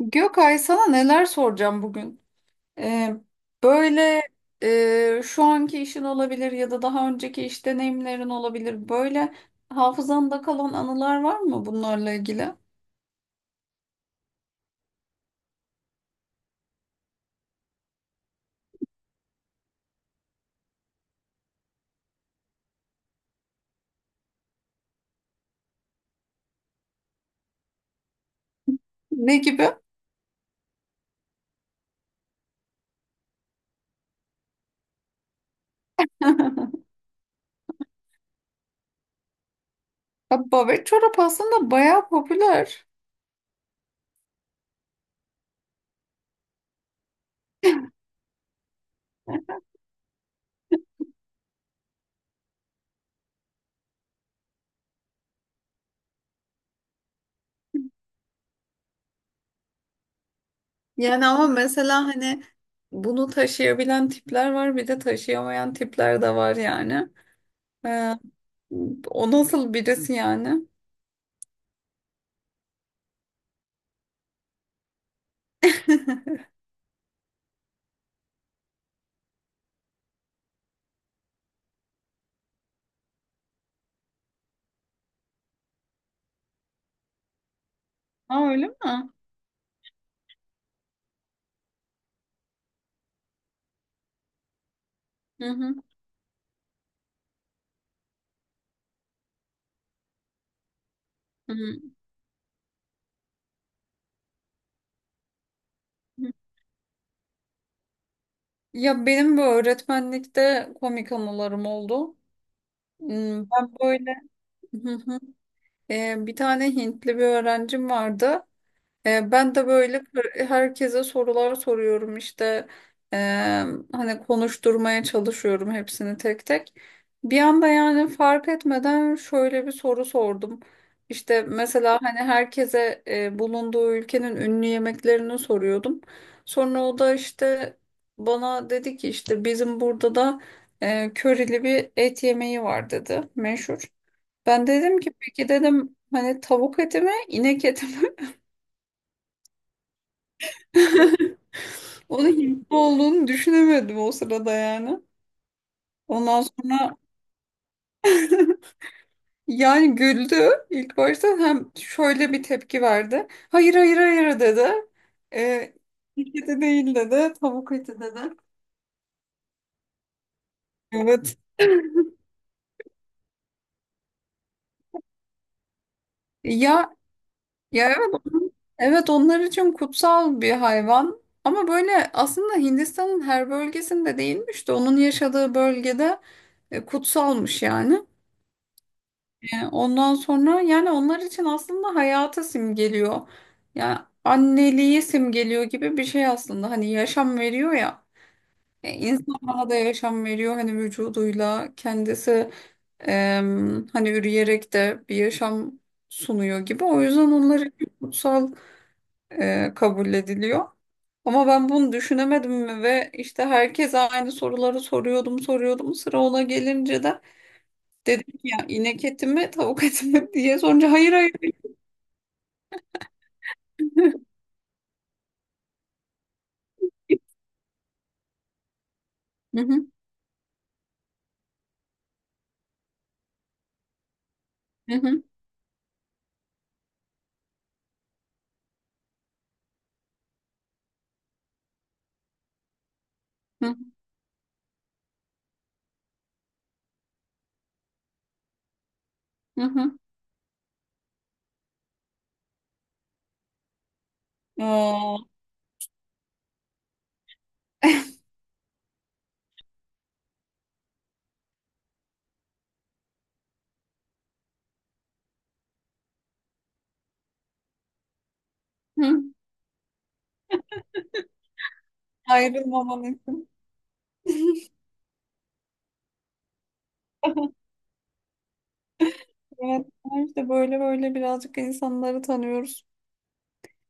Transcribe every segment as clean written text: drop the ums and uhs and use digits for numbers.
Gökay sana neler soracağım bugün? Ee, Böyle şu anki işin olabilir ya da daha önceki iş deneyimlerin olabilir. Böyle hafızanda kalan anılar var mı bunlarla ilgili? Ne gibi? Ya babet çorap aslında bayağı popüler. Yani ama mesela hani bunu taşıyabilen tipler var bir de taşıyamayan tipler de var yani. Ee, O nasıl birisi yani? Ha öyle mi? Hı hı. Hı hı. Ya benim bu öğretmenlikte komik anılarım oldu. Ben böyle hı hı. Bir tane Hintli bir öğrencim vardı. Ben de böyle herkese sorular soruyorum işte. E, Hani konuşturmaya çalışıyorum hepsini tek tek. Bir anda yani fark etmeden şöyle bir soru sordum. İşte mesela hani herkese bulunduğu ülkenin ünlü yemeklerini soruyordum. Sonra o da işte bana dedi ki işte bizim burada da körili bir et yemeği var dedi meşhur. Ben dedim ki peki dedim hani tavuk eti mi inek eti mi? Onun hippo olduğunu düşünemedim o sırada yani. Ondan sonra yani güldü ilk başta hem şöyle bir tepki verdi. Hayır hayır hayır dedi. Ee, "İlk eti değil dedi. Tavuk eti dedi. Evet. Ya ya evet onun- evet onlar için kutsal bir hayvan. Ama böyle aslında Hindistan'ın her bölgesinde değilmiş de onun yaşadığı bölgede kutsalmış yani. Ondan sonra yani onlar için aslında hayatı simgeliyor. Yani anneliği simgeliyor gibi bir şey aslında. Hani yaşam veriyor ya. İnsan bana da yaşam veriyor hani vücuduyla kendisi hani üreyerek de bir yaşam sunuyor gibi. O yüzden onlar için kutsal kabul ediliyor. Ama ben bunu düşünemedim mi ve işte herkese aynı soruları soruyordum. Sıra ona gelince de dedim ki ya inek eti mi tavuk eti mi diye sorunca hayır hayır hı hı, hı hı, hı hı, hı hı. Aa, hı. Ayrılmaman için. Evet, işte böyle böyle birazcık insanları tanıyoruz.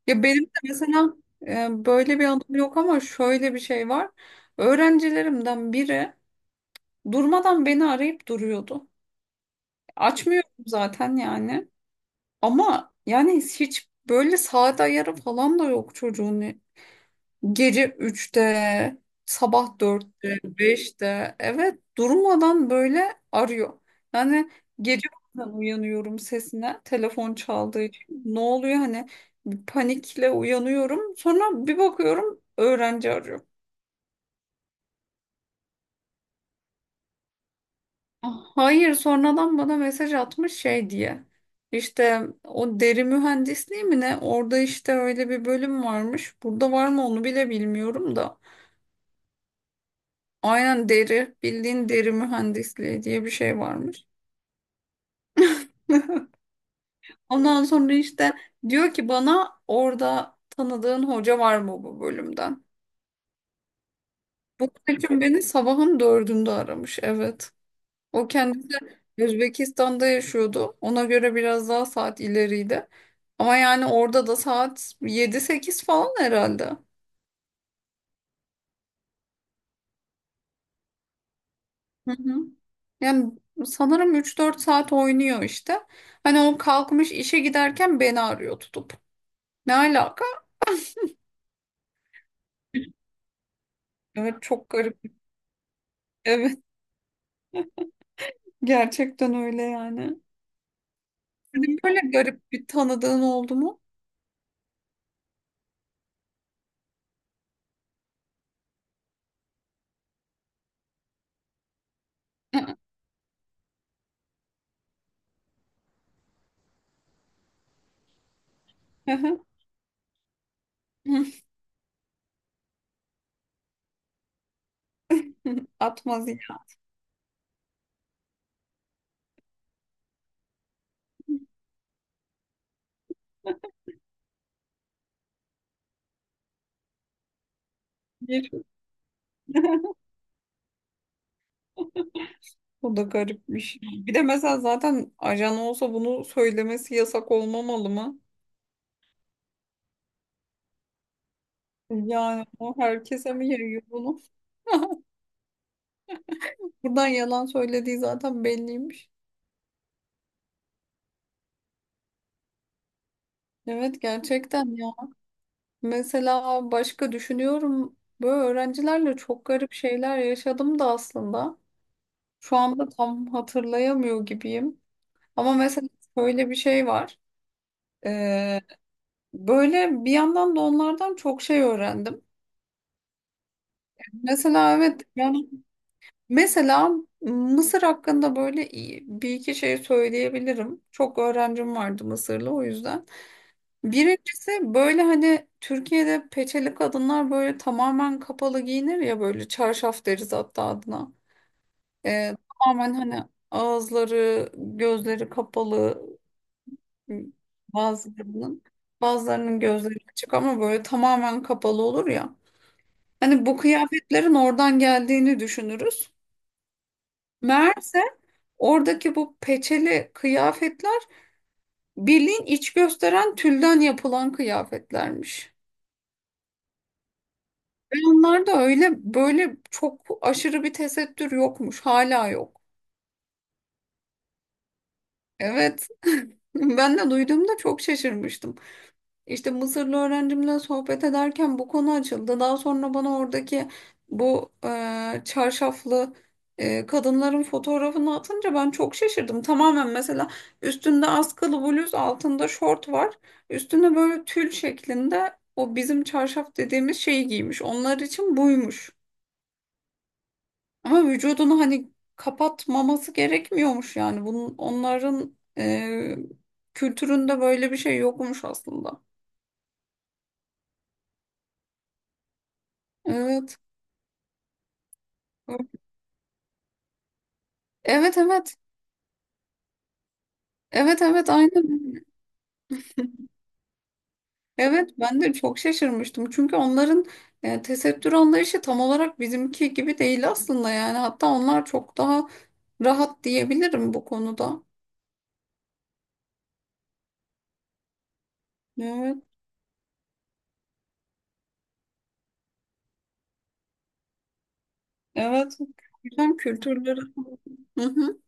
Ya benim de mesela böyle bir anım yok ama şöyle bir şey var. Öğrencilerimden biri durmadan beni arayıp duruyordu. Açmıyorum zaten yani. Ama yani hiç böyle saat ayarı falan da yok çocuğun. Gece 3'te, sabah dörtte beşte evet durmadan böyle arıyor. Yani gece bazen uyanıyorum sesine telefon çaldığı için. Ne oluyor hani bir panikle uyanıyorum. Sonra bir bakıyorum öğrenci arıyor. Hayır sonradan bana mesaj atmış şey diye. İşte o deri mühendisliği mi ne? Orada işte öyle bir bölüm varmış. Burada var mı onu bile bilmiyorum da. Aynen deri, bildiğin deri mühendisliği diye bir şey varmış. Ondan sonra işte diyor ki bana orada tanıdığın hoca var mı bu bölümden? Bu için beni sabahın dördünde aramış, evet. O kendisi Özbekistan'da yaşıyordu. Ona göre biraz daha saat ileriydi. Ama yani orada da saat yedi sekiz falan herhalde. Hı hı. Yani sanırım üç dört saat oynuyor işte. Hani o kalkmış işe giderken beni arıyor tutup. Ne alaka? Evet çok garip. Evet gerçekten öyle yani. Senin böyle garip bir tanıdığın oldu mu? Atmaz yani. O da garipmiş. Bir de mesela zaten ajan olsa bunu söylemesi yasak olmamalı mı? Yani o herkese mi yayıyor bunu? Buradan yalan söylediği zaten belliymiş. Evet gerçekten ya. Mesela başka düşünüyorum. Böyle öğrencilerle çok garip şeyler yaşadım da aslında. Şu anda tam hatırlayamıyor gibiyim. Ama mesela şöyle bir şey var. Ee, Böyle bir yandan da onlardan çok şey öğrendim. Mesela evet yani mesela Mısır hakkında böyle iyi- bir iki şey söyleyebilirim. Çok öğrencim vardı Mısırlı o yüzden. Birincisi böyle hani Türkiye'de peçeli kadınlar böyle tamamen kapalı giyinir ya böyle çarşaf deriz hatta adına. Ee, Tamamen hani ağızları, gözleri kapalı. Hı. Bazılarının Bazılarının gözleri açık ama böyle tamamen kapalı olur ya. Hani bu kıyafetlerin oradan geldiğini düşünürüz. Meğerse oradaki bu peçeli kıyafetler bilin iç gösteren tülden yapılan kıyafetlermiş. Ve onlarda öyle böyle çok aşırı bir tesettür yokmuş. Hala yok. Evet. Ben de duyduğumda çok şaşırmıştım. İşte Mısırlı öğrencimle sohbet ederken bu konu açıldı. Daha sonra bana oradaki bu çarşaflı kadınların fotoğrafını atınca ben çok şaşırdım. Tamamen mesela üstünde askılı bluz, altında şort var. Üstünde böyle tül şeklinde o bizim çarşaf dediğimiz şeyi giymiş. Onlar için buymuş. Ama vücudunu hani kapatmaması gerekmiyormuş yani. Bunun, onların kültüründe böyle bir şey yokmuş aslında. Evet. Evet evet. Evet evet aynen. Evet ben de çok şaşırmıştım. Çünkü onların tesettür anlayışı tam olarak bizimki gibi değil aslında yani. Hatta onlar çok daha rahat diyebilirim bu konuda. Evet. Evet. Güzel kültürleri. Hı hı.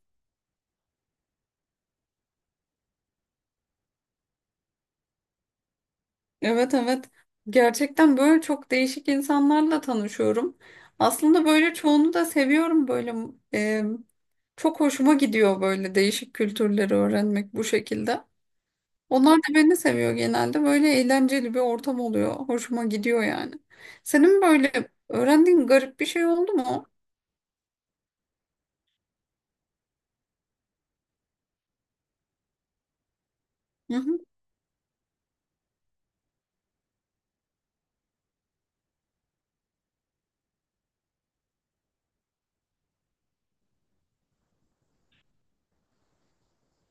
Evet evet. Gerçekten böyle çok değişik insanlarla tanışıyorum. Aslında böyle çoğunu da seviyorum böyle e, çok hoşuma gidiyor böyle değişik kültürleri öğrenmek bu şekilde. Onlar da beni seviyor genelde. Böyle eğlenceli bir ortam oluyor. Hoşuma gidiyor yani. Senin böyle öğrendiğin garip bir şey oldu mu? Hı hı,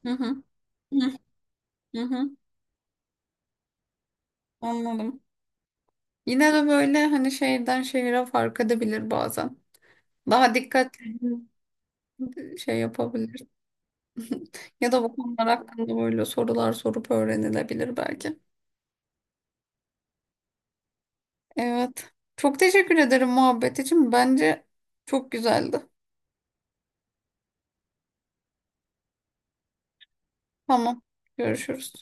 hı hı, hı hı, hı. Anladım. Yine de böyle hani şehirden şehire fark edebilir bazen. Daha dikkatli şey yapabilir. Ya da bu konular hakkında böyle sorular sorup öğrenilebilir belki. Evet. Çok teşekkür ederim muhabbet için. Bence çok güzeldi. Tamam. Görüşürüz.